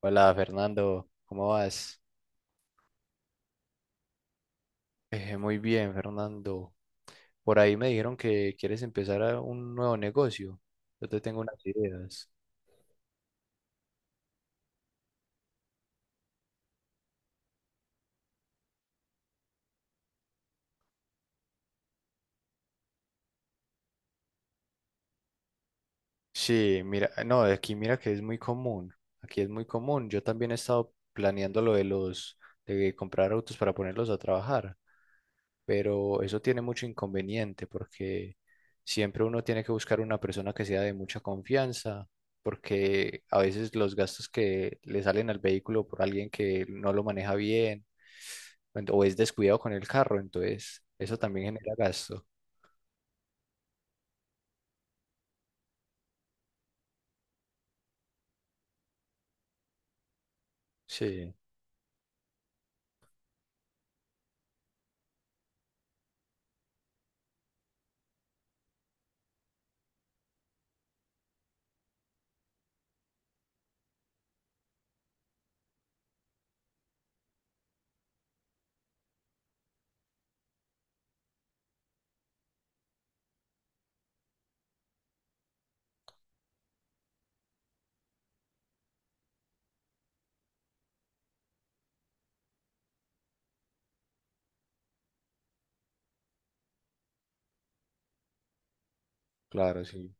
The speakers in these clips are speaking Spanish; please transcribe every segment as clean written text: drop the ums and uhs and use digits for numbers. Hola Fernando, ¿cómo vas? Muy bien, Fernando. Por ahí me dijeron que quieres empezar a un nuevo negocio. Yo te tengo unas ideas. Sí, mira, no, aquí mira que es muy común. Aquí es muy común. Yo también he estado planeando de comprar autos para ponerlos a trabajar, pero eso tiene mucho inconveniente porque siempre uno tiene que buscar una persona que sea de mucha confianza, porque a veces los gastos que le salen al vehículo por alguien que no lo maneja bien o es descuidado con el carro, entonces eso también genera gasto. Sí, claro, sí.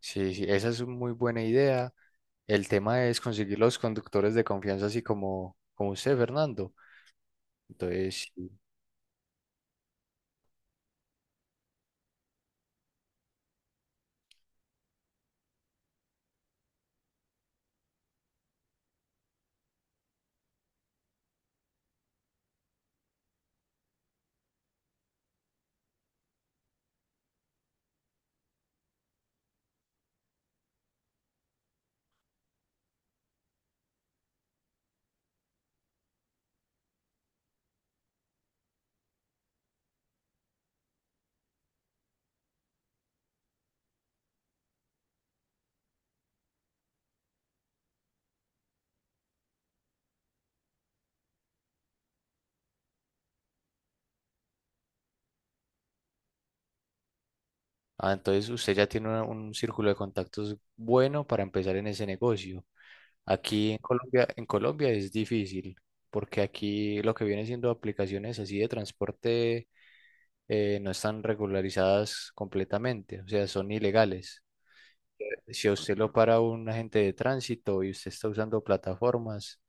Sí, sí, esa es una muy buena idea. El tema es conseguir los conductores de confianza, así como usted, Fernando. Entonces, sí. Ah, entonces usted ya tiene un círculo de contactos bueno para empezar en ese negocio. Aquí en Colombia es difícil, porque aquí lo que viene siendo aplicaciones así de transporte no están regularizadas completamente, o sea, son ilegales. Si a usted lo para un agente de tránsito y usted está usando plataformas,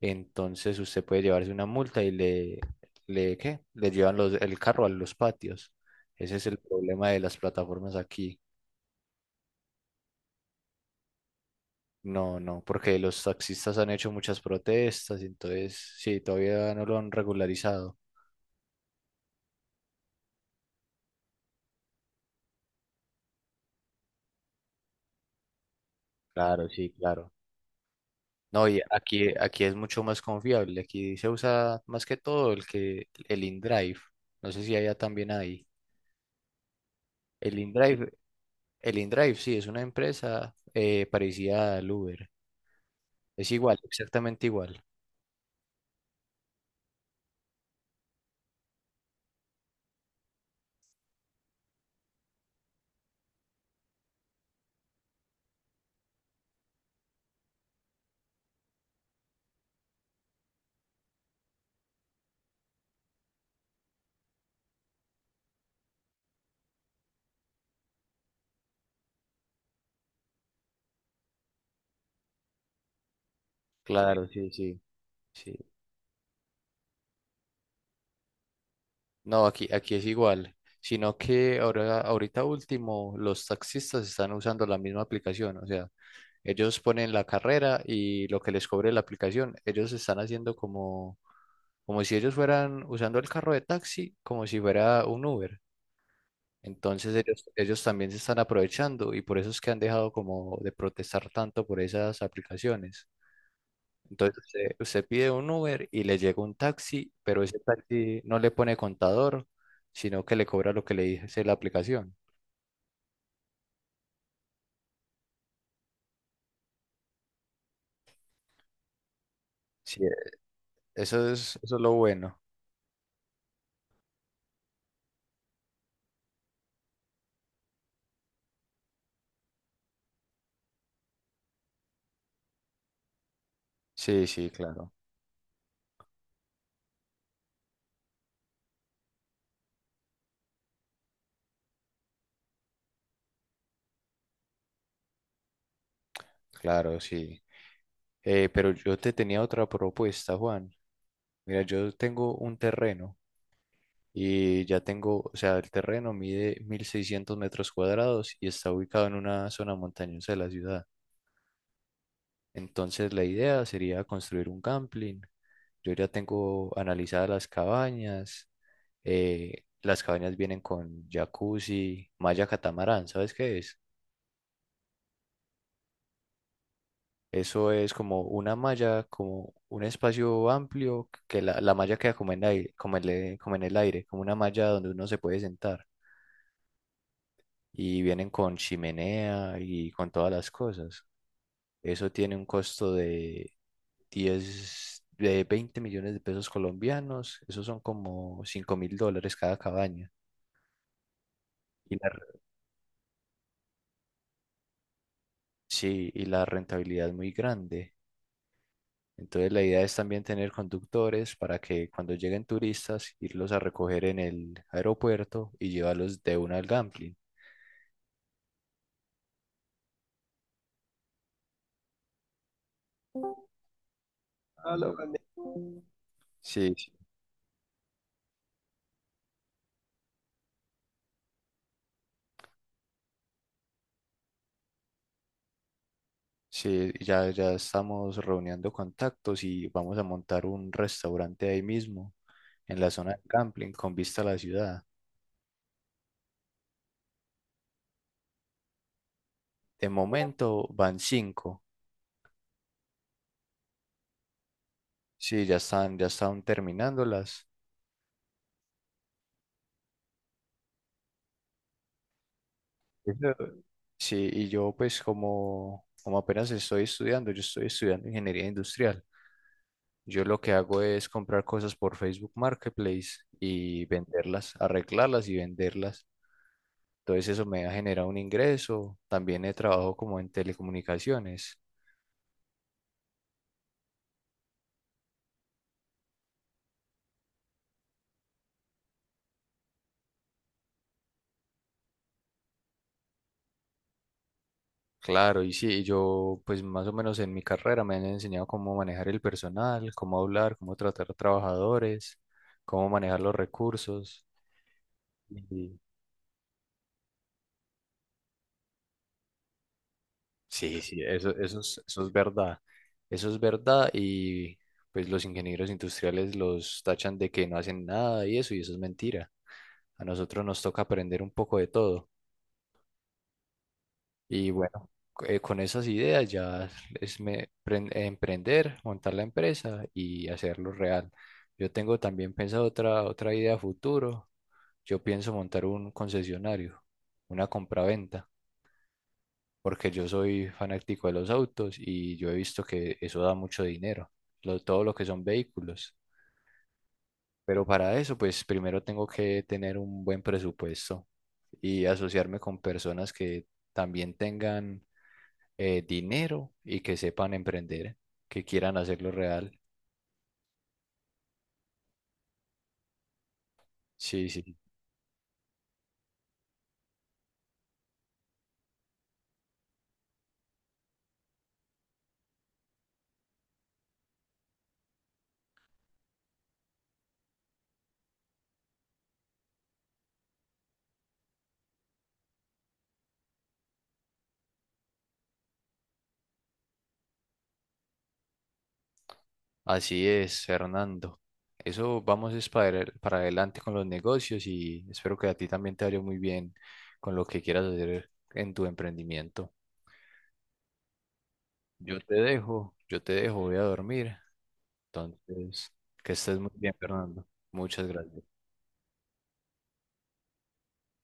entonces usted puede llevarse una multa ¿qué? Le llevan el carro a los patios. Ese es el problema de las plataformas aquí. No, no, porque los taxistas han hecho muchas protestas, y entonces sí, todavía no lo han regularizado. Claro, sí, claro. No, y aquí, aquí es mucho más confiable. Aquí se usa más que todo el InDrive. No sé si allá también hay. El InDrive, el InDrive sí, es una empresa parecida al Uber. Es igual, exactamente igual. Claro, sí, sí. Sí. No, aquí, aquí es igual, sino que ahora, ahorita último, los taxistas están usando la misma aplicación, o sea, ellos ponen la carrera y lo que les cobre la aplicación, ellos están haciendo como, como si ellos fueran usando el carro de taxi, como si fuera un Uber. Entonces ellos también se están aprovechando y por eso es que han dejado como de protestar tanto por esas aplicaciones. Entonces usted, usted pide un Uber y le llega un taxi, pero ese taxi no le pone contador, sino que le cobra lo que le dice la aplicación. Sí, eso es lo bueno. Sí, sí, claro, claro, sí. Pero yo te tenía otra propuesta, Juan. Mira, yo tengo un terreno y ya tengo, o sea, el terreno mide 1.600 metros cuadrados y está ubicado en una zona montañosa de la ciudad. Entonces la idea sería construir un camping. Yo ya tengo analizadas las cabañas. Eh, las cabañas vienen con jacuzzi, malla catamarán, ¿sabes qué es? Eso es como una malla, como un espacio amplio, que la malla queda como en aire, como en el aire, como una malla donde uno se puede sentar. Y vienen con chimenea y con todas las cosas. Eso tiene un costo de 10 de 20 millones de pesos colombianos. Esos son como 5.000 dólares cada cabaña. Y la… Sí, y la rentabilidad es muy grande. Entonces la idea es también tener conductores para que cuando lleguen turistas, irlos a recoger en el aeropuerto y llevarlos de una al gambling. Ah, lo gané. Sí, sí, sí, ya, ya estamos reuniendo contactos y vamos a montar un restaurante ahí mismo, en la zona del gambling, con vista a la ciudad. De momento van 5. Sí, ya están terminándolas. Eso- Sí, y yo pues como, como apenas estoy estudiando, yo estoy estudiando ingeniería industrial. Yo lo que hago es comprar cosas por Facebook Marketplace y venderlas, arreglarlas y venderlas. Entonces eso me ha generado un ingreso. También he trabajado como en telecomunicaciones. Claro, y sí, yo pues más o menos en mi carrera me han enseñado cómo manejar el personal, cómo hablar, cómo tratar a trabajadores, cómo manejar los recursos. Sí, sí, eso, eso es verdad. Eso es verdad y pues los ingenieros industriales los tachan de que no hacen nada y eso, y eso es mentira. A nosotros nos toca aprender un poco de todo. Y bueno, con esas ideas ya es emprender, montar la empresa y hacerlo real. Yo tengo también pensado otra idea a futuro. Yo pienso montar un concesionario, una compraventa, porque yo soy fanático de los autos y yo he visto que eso da mucho dinero, todo lo que son vehículos. Pero para eso, pues primero tengo que tener un buen presupuesto y asociarme con personas que también tengan dinero y que sepan emprender, que quieran hacerlo real. Sí, sí, así es, Fernando. Eso vamos es para, para adelante con los negocios y espero que a ti también te vaya muy bien con lo que quieras hacer en tu emprendimiento. Yo te dejo, voy a dormir. Entonces, que estés muy bien, Fernando. Muchas gracias.